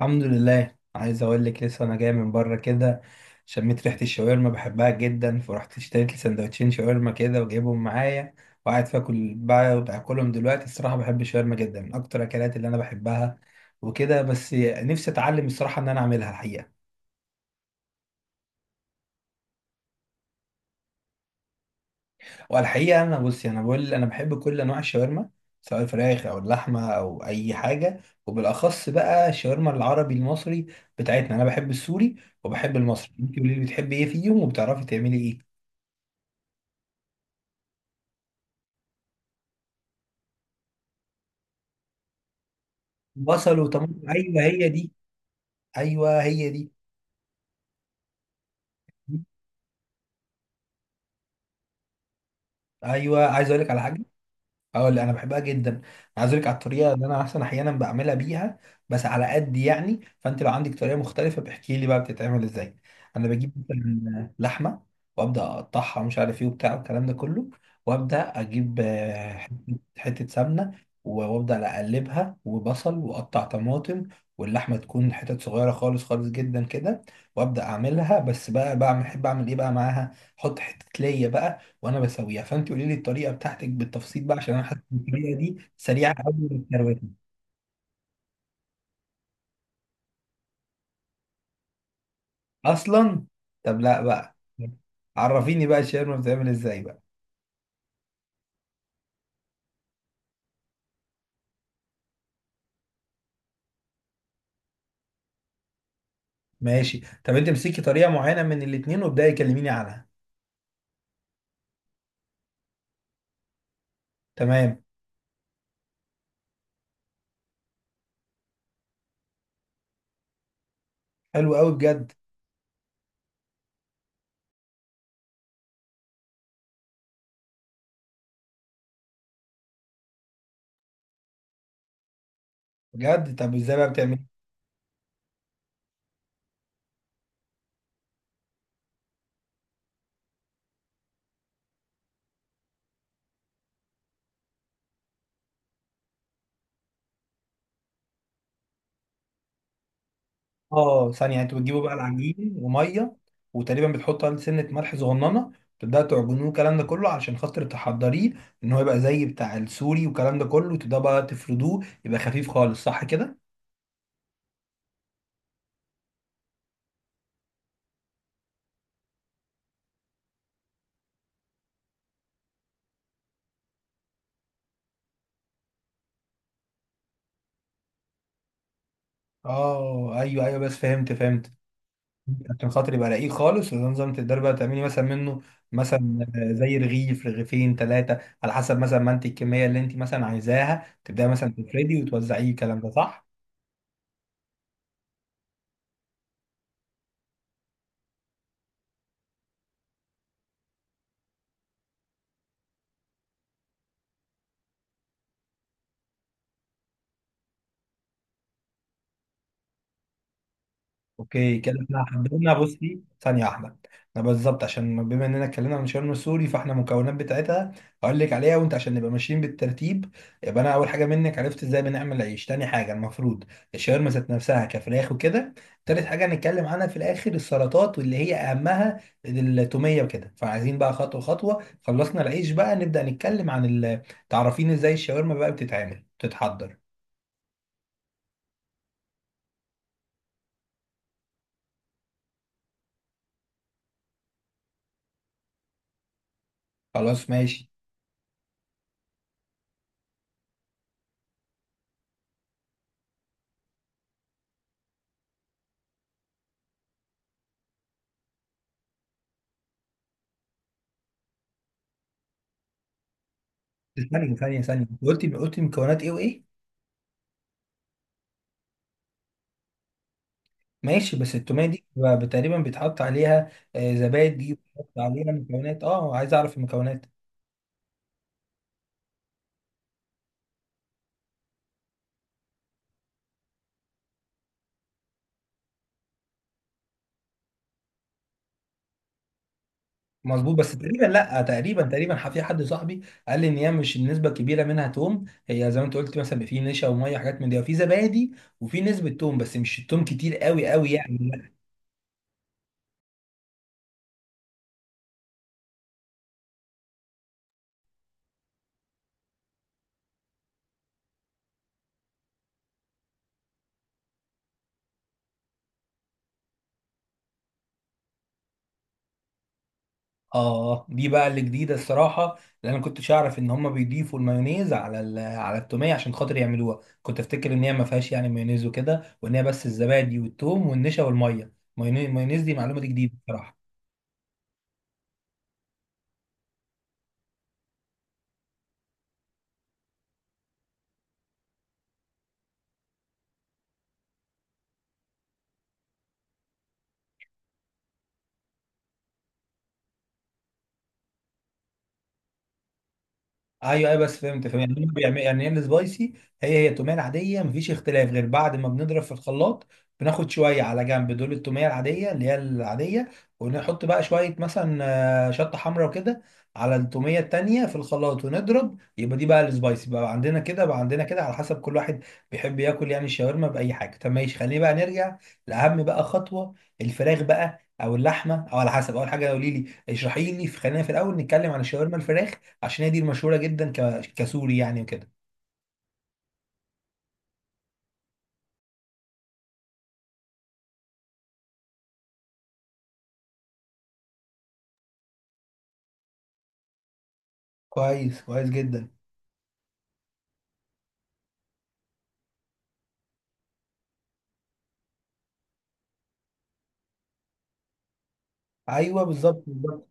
الحمد لله. عايز اقول لك، لسه انا جاي من بره كده. شميت ريحه الشاورما، بحبها جدا، فرحت اشتريت لي سندوتشين شاورما كده وجايبهم معايا. وقاعد باكل بقى، باكلهم دلوقتي. الصراحه بحب الشاورما جدا، من اكتر الاكلات اللي انا بحبها. وكده بس نفسي اتعلم الصراحه ان انا اعملها الحقيقه. والحقيقه انا، بصي، انا بقول انا بحب كل انواع الشاورما، سواء الفراخ او اللحمه او اي حاجه. وبالاخص بقى الشاورما العربي المصري بتاعتنا. انا بحب السوري وبحب المصري. انت قولي لي، بتحبي ايه فيهم وبتعرفي تعملي ايه؟ بصل وطماطم، ايوه هي دي. ايوه هي دي. ايوه. عايز اقول لك على حاجه. اه، اللي انا بحبها جدا. عايز اقول لك على الطريقه اللي انا احسن احيانا بعملها بيها، بس على قد يعني. فانت لو عندك طريقه مختلفه بحكي لي بقى بتتعمل ازاي. انا بجيب مثلا لحمه وابدا اقطعها، مش عارف ايه وبتاع والكلام ده كله. وابدا اجيب حته حتة سمنه. وابدا اقلبها وبصل واقطع طماطم، واللحمه تكون حتت صغيره خالص خالص جدا كدا. وابدا اعملها بس بقى، بعمل احب اعمل ايه بقى معاها، احط حته ليا بقى وانا بسويها. فانت قولي لي الطريقه بتاعتك بالتفصيل بقى، عشان انا حاسس ان الطريقه دي سريعه قوي للكرواتي اصلا. طب لا بقى، عرفيني بقى الشاورما بتتعمل ازاي بقى. ماشي، طب انت امسكي طريقه معينه من الاثنين وابداي كلميني عنها. تمام. حلو قوي بجد. بجد طب ازاي بقى بتعملي؟ اه، ثانيه، انتوا بتجيبوا بقى العجين وميه، وتقريبا بتحطوا عليه سنه ملح صغننه، تبدأ تعجنوه الكلام ده كله علشان خاطر تحضريه، ان هو يبقى زي بتاع السوري والكلام ده كله. وتبدأ بقى تفردوه، يبقى خفيف خالص، صح كده؟ اه، ايوه، ايوه بس فهمت فهمت، عشان خاطر يبقى رقيق خالص. وده نظام تقدري بقى تعملي مثلا منه، مثلا زي رغيف رغيفين ثلاثه، على حسب مثلا ما انت الكميه اللي انت مثلا عايزاها، تبداي مثلا تفردي وتوزعيه الكلام ده، صح؟ اوكي، كده احنا حددنا. بصي ثانية واحدة، انا بالظبط عشان بما اننا اتكلمنا عن شرم السوري، فاحنا المكونات بتاعتها هقول لك عليها. وانت عشان نبقى ماشيين بالترتيب، يبقى انا اول حاجة منك عرفت ازاي بنعمل عيش. تاني حاجة المفروض الشاورما ذات نفسها كفراخ وكده. تالت حاجة هنتكلم عنها في الاخر، السلطات، واللي هي اهمها التومية وكده. فعايزين بقى خطوة خطوة. خلصنا العيش، بقى نبدأ نتكلم عن تعرفين ازاي الشاورما بقى بتتعمل بتتحضر. خلاص ماشي. ثانية ثانية ثانية، قلتي قلتي مكونات ايه وايه؟ ماشي، بس التوميه دي تقريبا بيتحط عليها زبادي. دي بيتحط عليها مكونات. اه عايز اعرف المكونات. مظبوط، بس تقريبا لا، تقريبا، تقريبا في حد صاحبي قال لي ان هي مش النسبه الكبيره منها توم. هي زي ما انت قلت، مثلا في نشا وميه وحاجات من دي، وفي زبادي، وفي نسبه توم، بس مش التوم كتير قوي قوي يعني. اه. آه. دي بقى اللي جديده الصراحه، لان انا كنتش اعرف ان هم بيضيفوا المايونيز على التوميه عشان خاطر يعملوها. كنت افتكر ان هي ما فيهاش يعني مايونيز وكده، وان هي بس الزبادي والثوم والنشا والميه. مايونيز، دي معلومه دي جديده الصراحه. ايوه، ايوه بس فهمت فهمت، يعني هم بيعمل يعني هي السبايسي. هي هي التوميه العاديه، مفيش اختلاف غير بعد ما بنضرب في الخلاط، بناخد شويه على جنب دول التوميه العاديه اللي هي العاديه. ونحط بقى شويه مثلا شطه حمراء وكده على التوميه التانيه في الخلاط، ونضرب، يبقى دي بقى السبايسي. بقى عندنا كده بقى عندنا كده على حسب كل واحد بيحب ياكل يعني الشاورما باي حاجه. طب ماشي، خلينا بقى نرجع لاهم بقى خطوه، الفراخ بقى او اللحمه، او على حسب. اول حاجه قولي لي، اشرحي لي، خلينا في الاول نتكلم عن الشاورما الفراخ عشان هي دي المشهوره جدا كسوري يعني وكده. كويس كويس جدا. ايوه بالظبط بالظبط.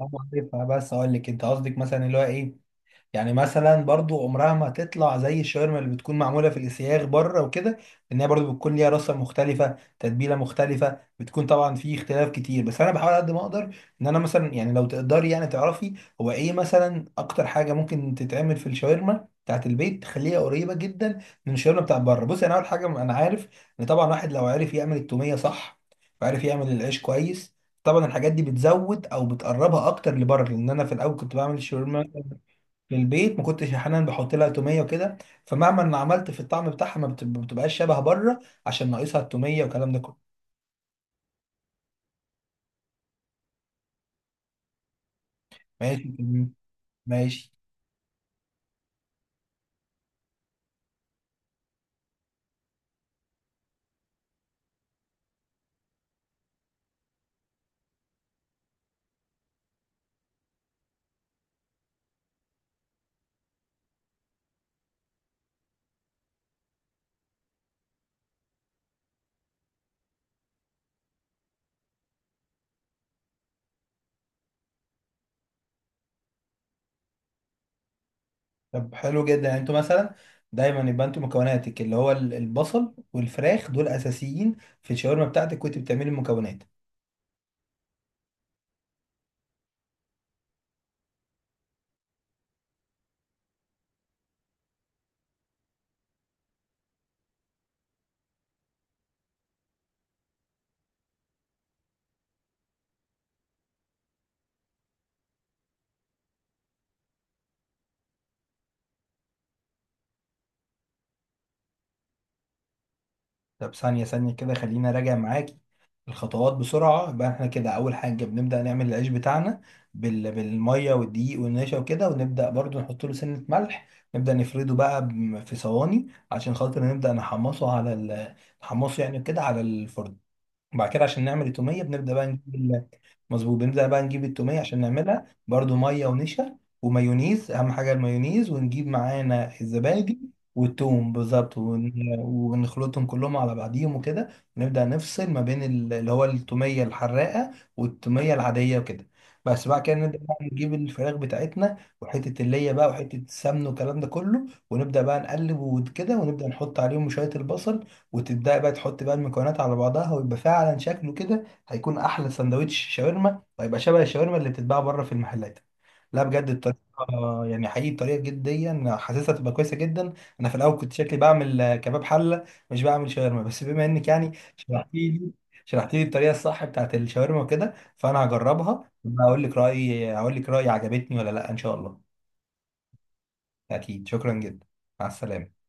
انا عارفها، بس اقول لك انت قصدك مثلا اللي هو ايه؟ يعني مثلا برضو عمرها ما هتطلع زي الشاورما اللي بتكون معموله في الاسياخ بره وكده، لان هي برضو بتكون ليها رصه مختلفه، تتبيله مختلفه، بتكون طبعا في اختلاف كتير. بس انا بحاول قد ما اقدر ان انا مثلا، يعني لو تقدري يعني تعرفي، هو ايه مثلا اكتر حاجه ممكن تتعمل في الشاورما بتاعت البيت تخليها قريبه جدا من الشاورما بتاعت بره. بصي انا اول حاجه انا عارف ان طبعا واحد لو عرف يعمل التوميه صح، وعرف يعمل العيش كويس، طبعا الحاجات دي بتزود او بتقربها اكتر لبره. لان انا في الاول كنت بعمل الشاورما للبيت، ما كنتش احيانا بحط لها توميه وكده، فمهما انا عملت في الطعم بتاعها ما بتبقاش شبه بره، عشان ناقصها التوميه والكلام ده كله. ماشي. مم. ماشي. طب حلو جدا، يعني انتوا مثلا دايما يبقى انتوا مكوناتك اللي هو البصل والفراخ دول اساسيين في الشاورما بتاعتك وانت بتعملي المكونات. طب ثانيه ثانيه كده، خلينا راجع معاك الخطوات بسرعة. يبقى احنا كده أول حاجة بنبدأ نعمل العيش بتاعنا بالمية والدقيق والنشا وكده، ونبدأ برضو نحط له سنة ملح، نبدأ نفرده بقى في صواني عشان خاطر نبدأ نحمصه على نحمصه يعني كده على الفرن. وبعد كده عشان نعمل التوميه بنبدا بقى نجيب مظبوط. بنبدا بقى نجيب التوميه عشان نعملها، برضو ميه ونشا ومايونيز، اهم حاجه المايونيز، ونجيب معانا الزبادي والثوم بالظبط، ونخلطهم كلهم على بعضيهم وكده. ونبدا نفصل ما بين اللي هو التوميه الحراقه والتوميه العاديه وكده. بس بعد كده نبدا بقى نجيب الفراخ بتاعتنا، وحته الليه بقى وحته السمن والكلام ده كله، ونبدا بقى نقلب وكده، ونبدا نحط عليهم شويه البصل، وتبدأ بقى تحط بقى المكونات على بعضها، ويبقى فعلا شكله كده هيكون أحلى سندوتش شاورما، وهيبقى شبه الشاورما اللي بتتباع بره في المحلات. لا بجد الطريقة، يعني حقيقي الطريقة جديا حاسسها تبقى كويسة جدا. أنا في الأول كنت شكلي بعمل كباب حلة، مش بعمل شاورما. بس بما إنك يعني شرحتي لي شرحتي لي الطريقة الصح بتاعت الشاورما وكده، فأنا هجربها وأقول لك رأيي. عجبتني ولا لأ إن شاء الله. أكيد، شكرا جدا. مع السلامة.